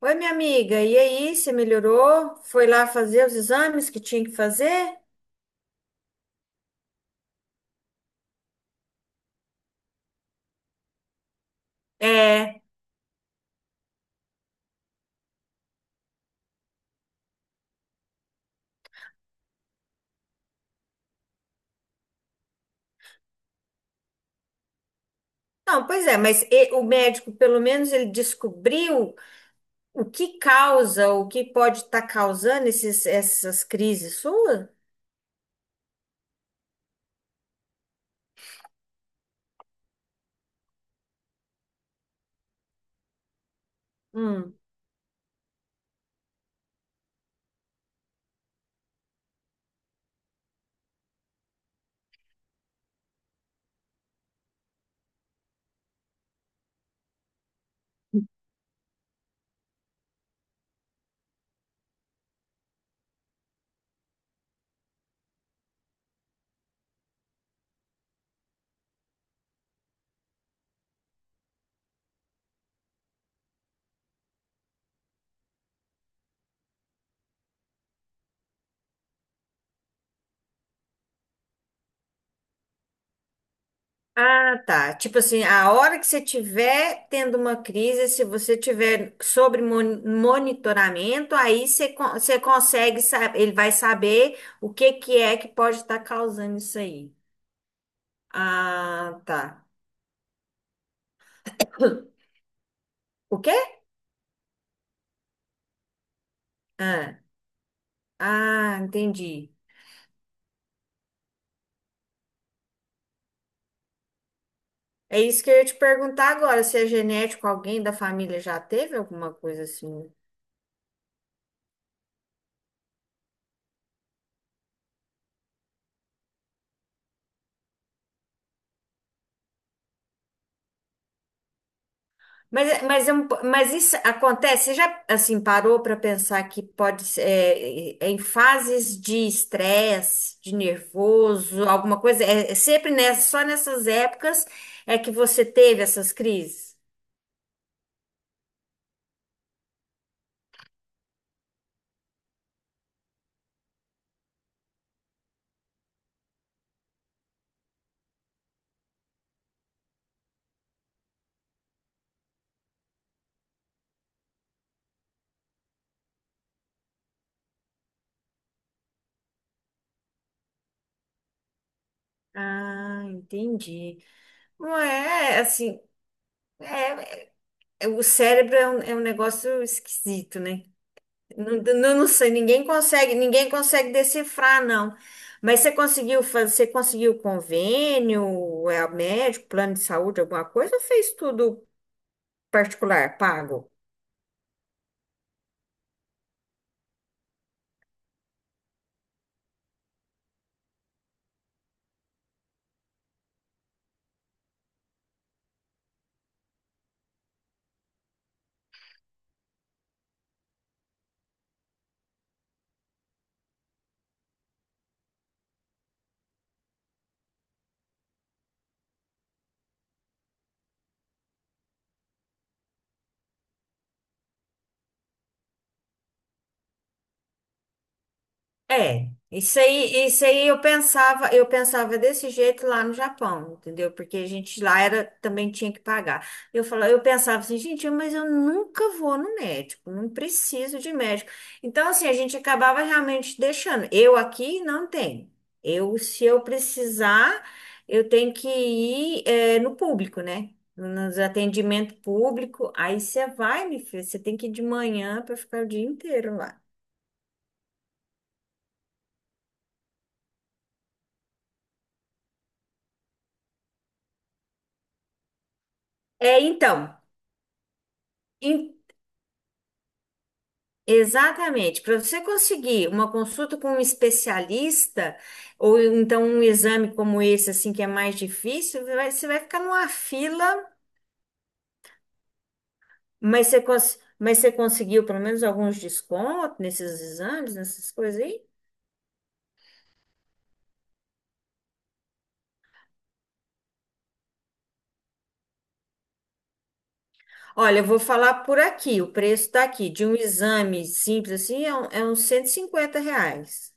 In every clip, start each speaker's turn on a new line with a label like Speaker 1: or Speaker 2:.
Speaker 1: Oi, minha amiga, e aí, você melhorou? Foi lá fazer os exames que tinha que fazer? É. Não, pois é, mas o médico, pelo menos, ele descobriu o que causa, o que pode estar causando essas crises suas? Hum. Ah, tá. Tipo assim, a hora que você tiver tendo uma crise, se você tiver sobre monitoramento, aí você, você consegue saber, ele vai saber o que que é que pode estar causando isso aí. Ah, tá. O quê? Ah, ah, entendi. É isso que eu ia te perguntar agora, se é genético, alguém da família já teve alguma coisa assim. Mas, é um mas isso acontece, você já assim parou para pensar que pode ser é em fases de estresse, de nervoso, alguma coisa? É sempre nessa, só nessas épocas é que você teve essas crises? Ah, entendi. Não é assim, é, o cérebro é um negócio esquisito, né? Não, não sei, ninguém consegue decifrar, não. Mas você conseguiu fazer, você conseguiu convênio, é médico, plano de saúde, alguma coisa, ou fez tudo particular, pago? É, isso aí eu pensava desse jeito lá no Japão, entendeu? Porque a gente lá era também tinha que pagar. Eu falava, eu pensava assim, gente, mas eu nunca vou no médico, não preciso de médico. Então assim, a gente acabava realmente deixando. Eu aqui não tenho. Eu, se eu precisar, eu tenho que ir no público, né? Nos atendimento público. Aí você vai, me filho, você tem que ir de manhã para ficar o dia inteiro lá. É, então. Exatamente. Para você conseguir uma consulta com um especialista, ou então um exame como esse, assim, que é mais difícil, você vai ficar numa fila, mas mas você conseguiu pelo menos alguns descontos nesses exames, nessas coisas aí? Olha, eu vou falar por aqui, o preço está aqui, de um exame simples assim, é uns 150 reais.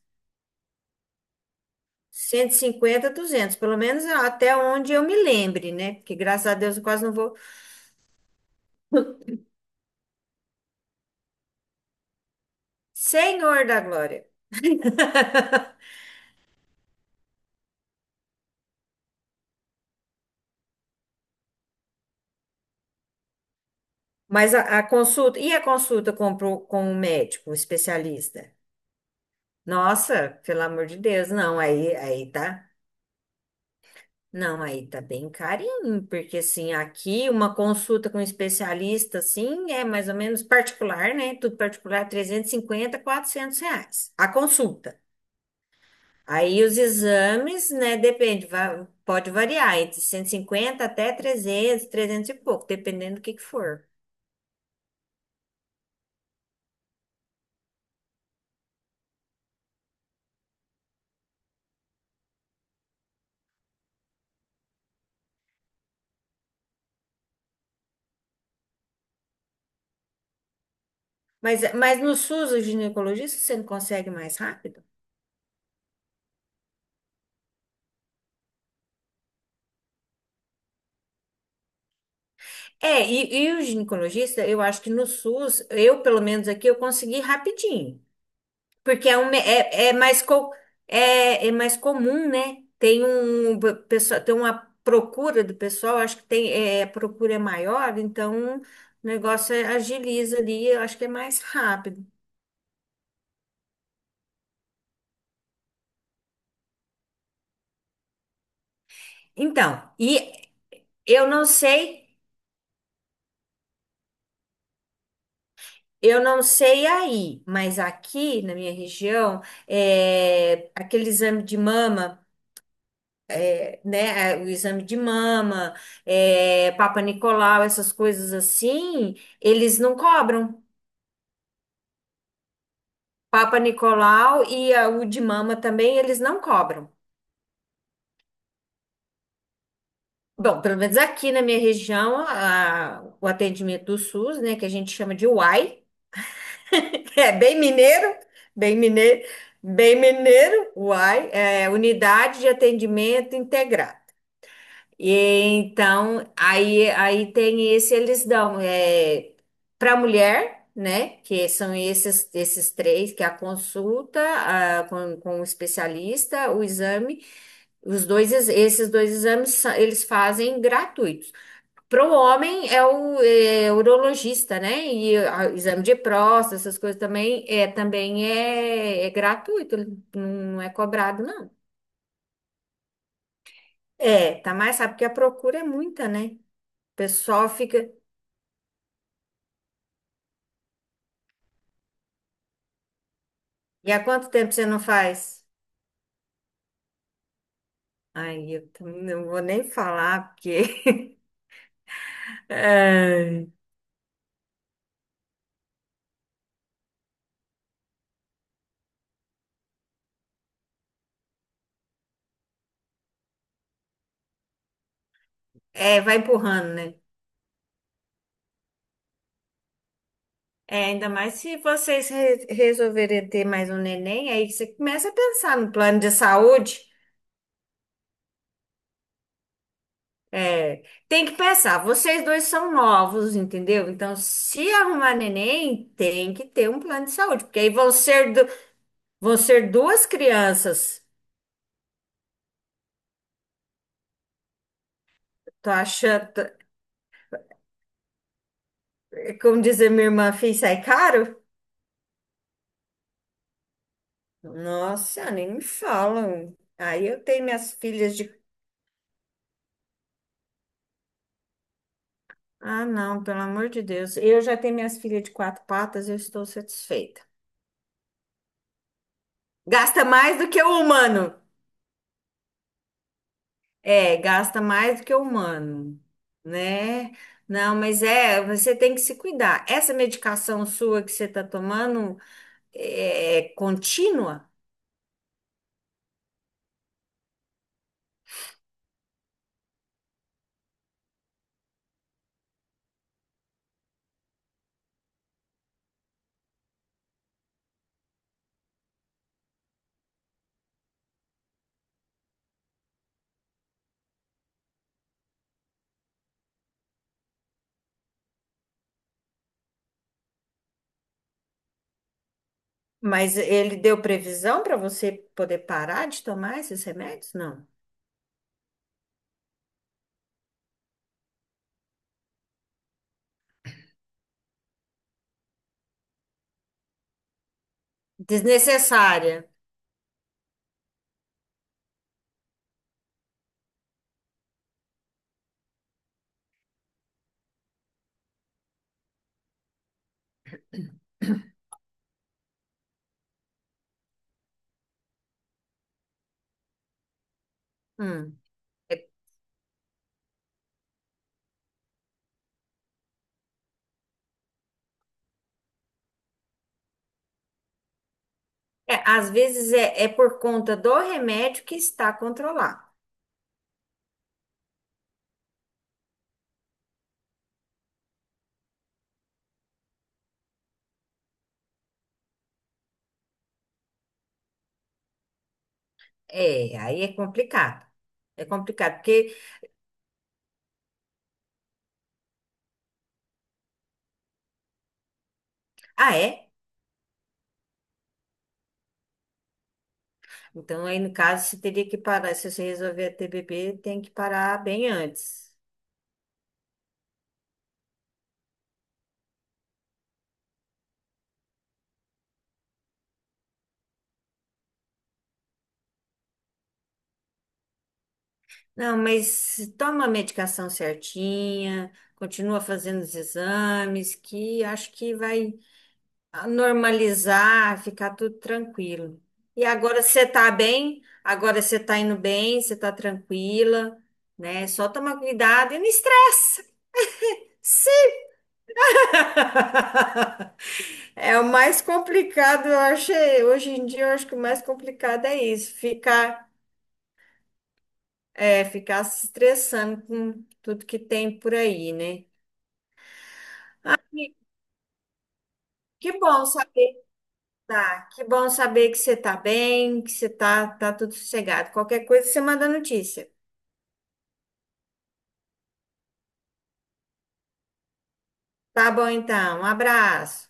Speaker 1: Cento e cinquenta, 200, pelo menos até onde eu me lembre, né? Porque graças a Deus eu quase não vou. Senhor da Glória! Mas a consulta, e a consulta com, com o médico, o especialista? Nossa, pelo amor de Deus, não, aí tá, não, aí tá bem carinho, porque assim, aqui uma consulta com um especialista, assim, é mais ou menos particular, né? Tudo particular, 350 400 reais a consulta. Aí os exames, né, depende, pode variar entre 150 até 300 e pouco, dependendo do que for. Mas no SUS, o ginecologista, você não consegue mais rápido? É, e o ginecologista, eu acho que no SUS, eu pelo menos aqui, eu consegui rapidinho. Porque é, um, me- é, é, mais, co- é, é mais comum, né? Tem um pessoa, tem uma procura do pessoal, acho que tem, é, a procura é maior, então o agiliza ali, eu acho que é mais rápido. Então, e eu não sei, eu não sei aí, mas aqui na minha região, é, aquele exame de mama. Né, é, o exame de mama, é, Papa Nicolau, essas coisas assim, eles não cobram. Papa Nicolau e o de mama também, eles não cobram. Bom, pelo menos aqui na minha região, o atendimento do SUS, né, que a gente chama de UAI, é bem mineiro, bem mineiro, bem mineiro, UAI, é Unidade de Atendimento Integrado. E então, aí, aí tem esse, eles dão é, para a mulher, né? Que são esses, esses três, que é com o especialista, o exame, os dois, esses dois exames eles fazem gratuitos. Para o homem é o é, urologista, né? E o exame de próstata, essas coisas também é, é gratuito, não é cobrado, não. É, tá mais, sabe, porque a procura é muita, né? O pessoal fica. E há quanto tempo você não faz? Ai, eu também não vou nem falar, porque. Ai. É, vai empurrando, né? É, ainda mais se vocês resolverem ter mais um neném, aí você começa a pensar no plano de saúde. É, tem que pensar, vocês dois são novos, entendeu? Então, se arrumar neném, tem que ter um plano de saúde, porque aí vão ser, vão ser duas crianças. Tô achando, como dizer minha irmã, filho, sai caro? Nossa, nem me falam. Aí eu tenho minhas filhas de. Ah, não, pelo amor de Deus. Eu já tenho minhas filhas de quatro patas, eu estou satisfeita. Gasta mais do que o humano. É, gasta mais do que o humano, né? Não, mas é, você tem que se cuidar. Essa medicação sua que você está tomando é contínua, mas ele deu previsão para você poder parar de tomar esses remédios? Não. Desnecessária. Hum. É. É, às vezes é, é por conta do remédio que está controlado. É, aí é complicado. É complicado, porque. Ah, é? Então, aí no caso, você teria que parar. Se você resolver a TBB, tem que parar bem antes. Não, mas toma a medicação certinha, continua fazendo os exames, que acho que vai a normalizar, ficar tudo tranquilo. E agora você tá bem, agora você tá indo bem, você tá tranquila, né? Só tomar cuidado e não estressa. Sim. É o mais complicado, eu achei. Hoje em dia, eu acho que o mais complicado é isso, ficar, é, ficar se estressando com tudo que tem por aí, né? E que bom saber, tá, que bom saber que você tá bem, que você tá, tá tudo sossegado. Qualquer coisa, você manda notícia. Tá bom, então. Um abraço.